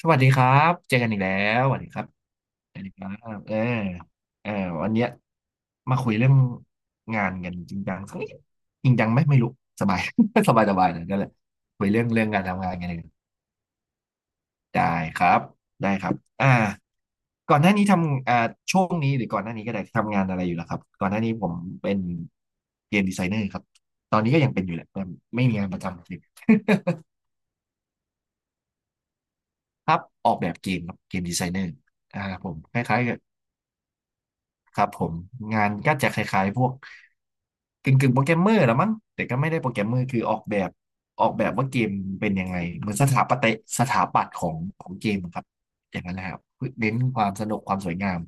สวัสดีครับเจอกันอีกแล้วสวัสดีครับสวัสดีครับเออวันเนี้ยมาคุยเรื่องงานกันจริงจังสักนิดจริงจังไหมไม่รู้สบาย สบายสบายเลยนั่นแหละคุยเรื่องเรื่องการทำงานกันเลยได้ครับได้ครับอ่าก่อนหน้านี้ทำช่วงนี้หรือก่อนหน้านี้ก็ได้ทำงานอะไรอยู่แล้วครับก่อนหน้านี้ผมเป็นเกมดีไซเนอร์ครับตอนนี้ก็ยังเป็นอยู่แหละแต่ไม่มีงานประจำเลย ครับออกแบบเกมครับเกมดีไซเนอร์ผมคล้ายๆกับ ครับผมงานก็จะคล้ายๆพวกกึ่งๆโปรแกรมเมอร์ละมั้งแต่ก็ไม่ได้โปรแกรมเมอร์คือออกแบบออกแบบว่าเกมเป็นยังไงเหมือนสถาปตยสถาปัตย์ของของเกมครับอย่างนั้นนะครับเน้นความสนุกความสวยงาม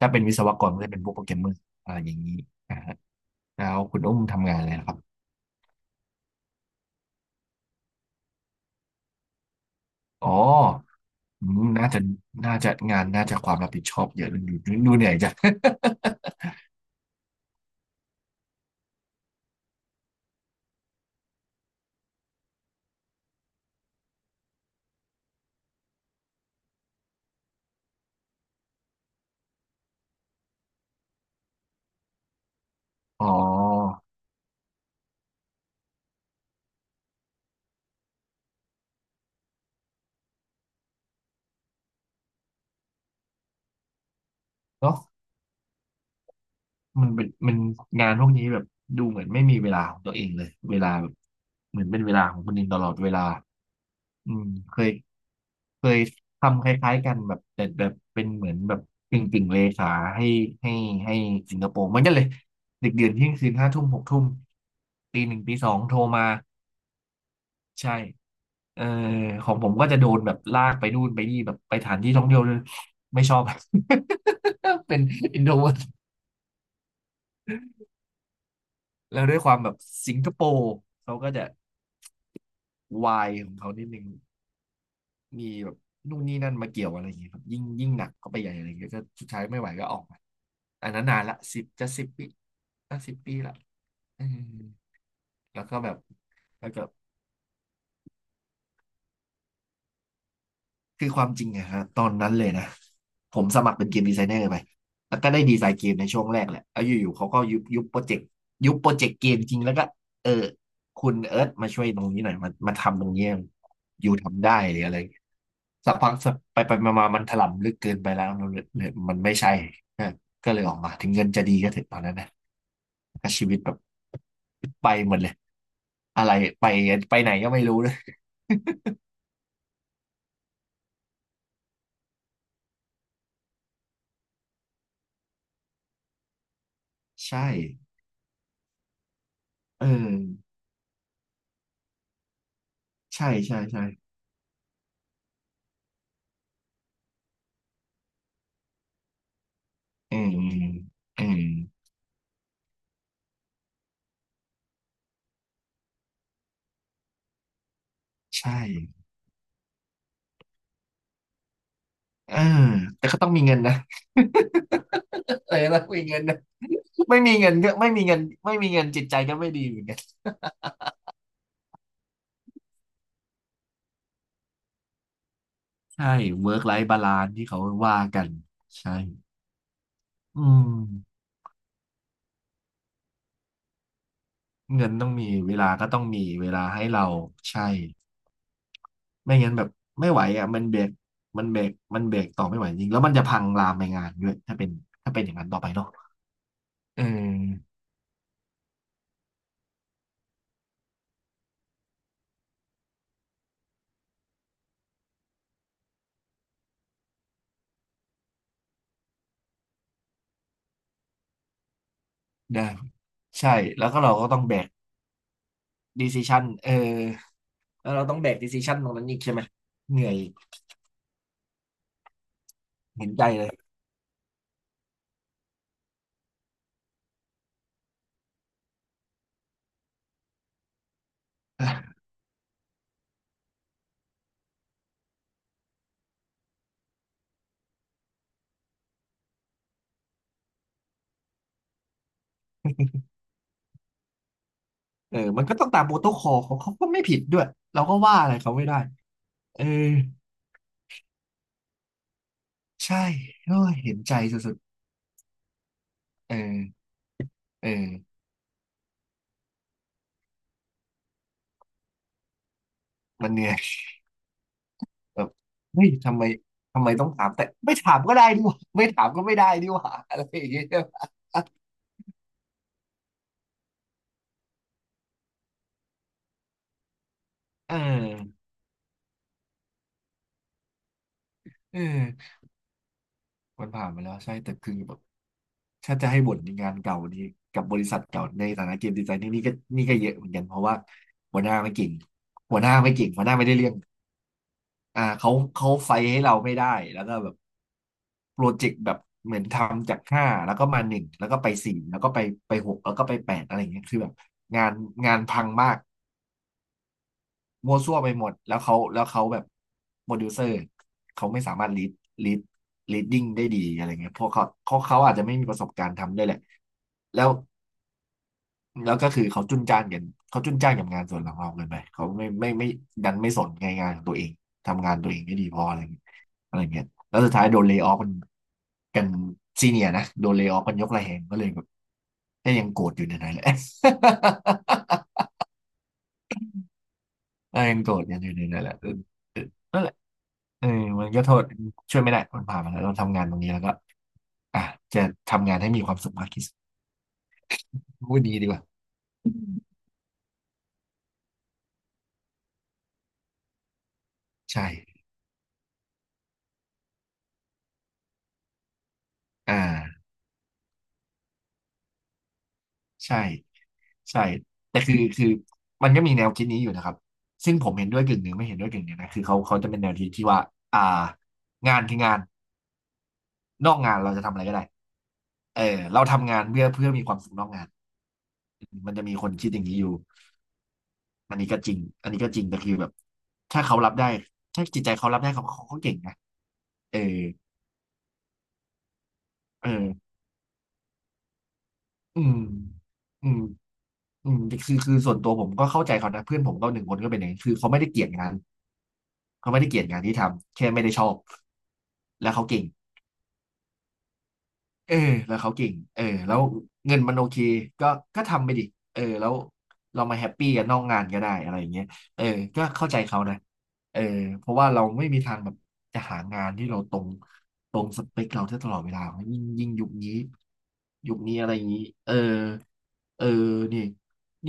ถ้าเป็นวิศวกรก็จะเป็นพวกโปรแกรมเมอร์อะไรอย่างนี้นะฮะแล้วคุณอุ้มทำงานอะไรนะครับอ๋ออืมน่าจะน่าจะงานน่าจะความรับผิดชอบเยอะดูดูดูเหนื่อยจัง อ๋อเนาะ มันเป็นมันงานพวกนี้แบบดูเหมือนไม่มีเวลาของตัวเองเลยเวลาแบบเหมือนเป็นเวลาของคนอื่นตลอดเวลาอืมเคยเคยทำคล้ายๆกันแบบแต่แบบเป็นเหมือนแบบกึ่งกึ่งเลขาให้ให้ให้สิงคโปร์เหมือนกันเลยดึกดื่นเที่ยงคืนห้าทุ่มหกทุ่มตีหนึ่งตีสองโทรมาใช่เออของผมก็จะโดนแบบลากไปนู่นไปนี่แบบไปสถานที่ท่องเที่ยวเลยไม่ชอบ เป็นอินโทรเวิร์ตแล้วด้วยความแบบสิงคโปร์เขาก็จะ วายของเขานิดนึงมีแบบนู่นนี่นั่นมาเกี่ยวอะไรอย่างเงี้ยครับยิ่งยิ่งหนักเข้าไปใหญ่อะไรเงี้ยก็สุดท้ายไม่ไหวก็ออกมาอันนั้นนานละสิบจะสิบปีอะสิบปีละเแล้วก็แบบแล้วก็ คือความจริงอะฮะตอนนั้นเลยนะผมสมัครเป็นเกมดีไซเนอร์ไปแล้วก็ได้ดีไซน์เกมในช่วงแรกแหละแลอยู่ๆเขาก็ยุบยุบโปรเจกต์ยุบโปรเจกต์เกมจริงแล้วก็เออคุณเอิร์ธมาช่วยตรงนี้หน่อยมามาทำตรงนี้อยู่ทำได้หรืออะไรสักพักสักไปไปมามามันถล่ำลึกเกินไปแล้วมันเลยมันไม่ใช่ก็ก็เลยออกมาถึงเงินจะดีก็เถอะตอนนั้นนะก็ชีวิตแบบไปหมดเลยอะไรไปไปไหนก็ไม่รู้เลย ใช่เออใช่ อืมอืมใช่เออแต่ก็ต้องมีเงินนะ เออต้อมีเงินนะไม่มีเงินก็ไม่มีเงินไม่มีเงินจิตใจก็ไม่ดีเหมือนกันใช่ work life balance ที่เขาว่ากันใช่อืมเงินต้องมีเวลาก็ต้องมีเวลาให้เราใช่ไม่งั้นแบบไม่ไหวอ่ะมันเบรกมันเบรกต่อไม่ไหวจริงแล้วมันจะพังลามไปงานด้วยถ้าเป็นอย่างนั้นต่อไปเนาะเออได้ใช่แล้วก็เราก็ต้องแบก decision เออ แล้วเราต้องแบกด c ซิชันตรงนั้นอีกใช่ไหม เหนื่อยเห็นใจเลยเออมันก็ต้องตามโปรโตคอลของเขาก็ไม่ผิดด้วย เราก็ว่าอะไรเขาไม่ได้เออใช่โอ้ยเห็นใจสุดๆเออเออมันเหนื่อยแบบเฮ้ยทำไมต้องถามแต่ไม่ถามก็ได้ดิวะไม่ถามก็ไม่ได้ดิวะอะไรอย่างเงี้ยออเออ มันผ่านมาแล้วใช่แต่คือแบบถ้าจะให้บ่นในงานเก่านี้กับบริษัทเก่าในฐานะเกมดีไซน์นี่ก็ก็เยอะเหมือนกันเพราะว่าหัวหน้าไม่เก่งหัวหน้าไม่ได้เรื่องอ่าเขาเขาไฟให้เราไม่ได้แล้วก็แบบโปรเจกต์แบบเหมือนทำจากห้าแล้วก็มาหนึ่งแล้วก็ไปสี่แล้วก็ไปไปหกแล้วก็ไปแปดอะไรอย่างเงี้ยคือแบบงานงานพังมาก มั่วซั่วไปหมดแล้วเขาแบบโปรดิวเซอร์เขาไม่สามารถลีดลีดลีดดิ้งได้ดีอะไรเงี้ยเพราะเขาเขาอาจจะไม่มีประสบการณ์ทำด้วยแหละแล้วแล้วก็คือเขาจุนจ้านกันเขาจุนจ้านกับงานส่วนของเราเกินไปเขาไม่ดันไม่สนในงานของตัวเองทำงานตัวเองไม่ดีพออะไรเงี้ยอะไรเงี้ยแล้วสุดท้ายโดนเลย์ออฟกันซีเนียนะโดนเลย์ออฟกันยกระแหงก็เลยแบบก็ยังโกรธอยู่ในนั้นแหละ ยังโกรธกันอยู่ในนั้นแหละเออเออนั่นแหละ เออมันก็โทษช่วยไม่ได้มันผ่านมาแล้วเราทำงานตรงนี้แล้วก็อ่ะจะทำงานให้มีความสุขมากที่สุดพูดดีดีกว่าใช่อ่าใช่ใช่แต่คือมันก็มีแนวคิดนี้อยู่นะครับซึ่งผมเห็นด้วยกึ่งหนึ่งไม่เห็นด้วยกึ่งหนึ่งนะคือเขาจะเป็นแนวคิดที่ว่าอ่างานคืองานนอกงานเราจะทำอะไรก็ได้เออเราทำงานเพื่อมีความสุขนอกงานมันจะมีคนคิดอย่างนี้อยู่อันนี้ก็จริงอันนี้ก็จริงแต่คือแบบถ้าเขารับได้ถ้าจิตใจเขารับได้เขาเก่งนะเออ เอออืมอืมอืมคือส่วนตัวผมก็เข้าใจเขานะ เพื่อนผมก็หนึ่งคนก็เป็นอย่างนี้คือเขาไม่ได้เกลียดงานเขาไม่ได้เกลียดงานที่ทำ แค่ไม่ได้ชอบ แล้วเขาเก่ง เออแล้วเขาเก่งเออแล้วเงินมันโอเคก็ก็ทำไปดิเออแล้วเรามาแฮปปี้กันนอกงานก็ได้อะไรอย่างเงี้ยเออก็เข้าใจเขานะเออเพราะว่าเราไม่มีทางแบบจะหางานที่เราตรงตรงสเปคเราได้ตลอดเวลายิ่งยุคนี้ยุคนี้อะไรอย่างนี้เออเออนี่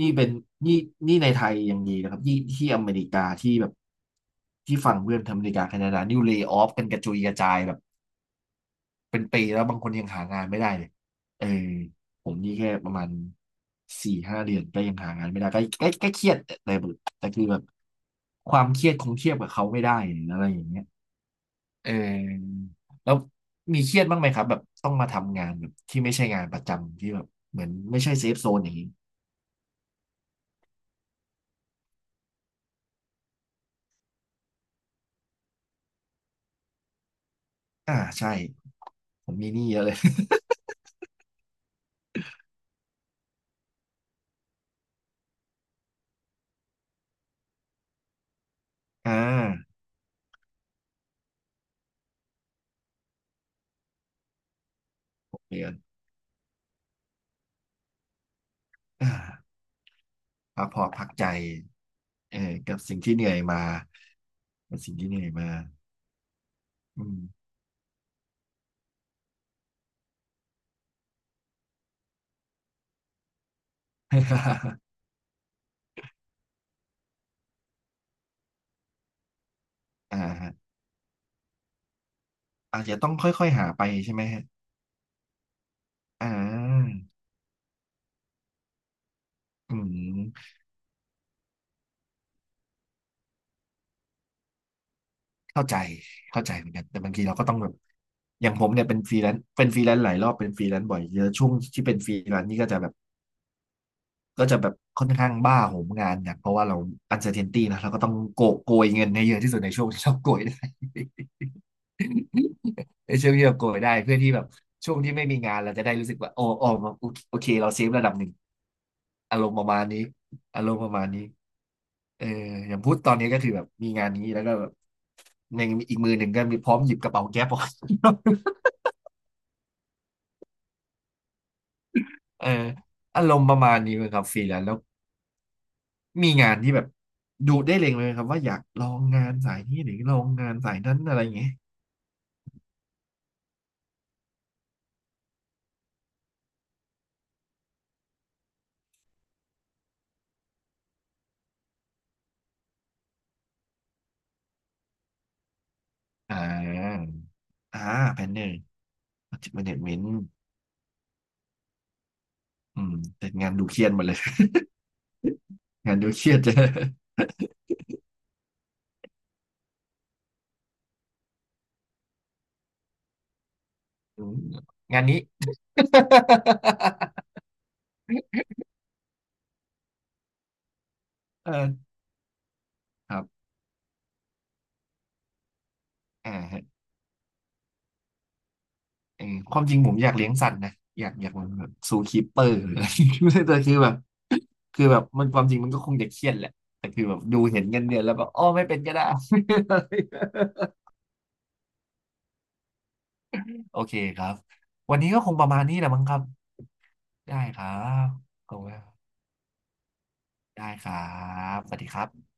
นี่เป็นนี่นี่ในไทยยังดีนะครับที่อเมริกาที่แบบที่ฝั่งเพื่อนทำอเมริกาแคนาดานี่เลย์ออฟกันกระจุยกระจายแบบ เป็นปีแล้วบางคนยังหางานไม่ได้เลยเออผมนี่แค่ประมาณสี่ห้าเดือนก็ยังหางานไม่ได้ก็เครียดแต่แบบแต่คือแบบความเครียดคงเทียบกับเขาไม่ได้หรืออะไรอย่างเงี้ยเออแล้วมีเครียดบ้างไหมครับแบบต้องมาทำงานแบบที่ไม่ใช่งานประจำที่แบบเหมือนไม่ใช่เซฟโซนอย่างนี้ใช่ผมมีหนี้เยอะเลย อ่าหกเดือนอ่าพักพอพักใจเออกับสิ่งที่เหนื่อยมากับสิ่งที่เหนื่อยมาอืม อ่าฮะอาจจะต้องค่อยๆหาไปใช่ไหมฮะอ่าอืมเข้าใจเข้าใจเหมือนกันแต่บางทีเราก็ต้องแบบ อย่างผมเนี่ยเป็นฟรีแลนซ์เป็นฟรีแลนซ์หลายรอบเป็นฟรีแลนซ์บ่อยเยอะช่วงที่เป็นฟรีแลนซ์นี่ก็จะแบบก็จะแบบค่อนข้างบ้าโหมงานเนี่ยเพราะว่าเราอันเซอร์เทนตี้นะเราก็ต้องโกยเงินให้เยอะที่สุดในช่วงที่เราโกยได้ ได้ช่วยพี่แบบโกยได้เพื่อที่แบบช่วงที่ไม่มีงานเราจะได้รู้สึกว่าโอ้โอเคเราเซฟระดับหนึ่งอารมณ์ประมาณนี้อารมณ์ประมาณนี้เอออย่างพูดตอนนี้ก็คือแบบมีงานนี้แล้วก็แบบในอีกมือหนึ่งก็มีพร้อมหยิบกระเป๋าแก๊ปออก เอออารมณ์ประมาณนี้เลยครับฟรีแลนซ์แล้วมีงานที่แบบดูได้เล็งเลยครับว่าอยากลองงานสายนี้หรือลองงานสายนั้นอะไรอย่างเงี้ยอ่าอ่าแพนเนอร์แมเนจเมนต์อืมแต่งานดูเครียดหมดเลย งานดูเครียดจะอืมงานนี้ เออครับอ่าเออความจริงผมอยากเลี้ยงสัตว์นะอยากเหมือนแบบซูคีปเปอร์หรืออะไร แต่คือแบบมันความจริงมันก็คงจะเครียดแหละแต่คือแบบดูเห็นเงินเดือนแล้วแบบอ๋อไม่เป็นก็ได้ โอเคครับวันนี้ก็คงประมาณนี้แหละมั้งครับได้ครับขอบคุณครับได้ครับสวัสดีครับ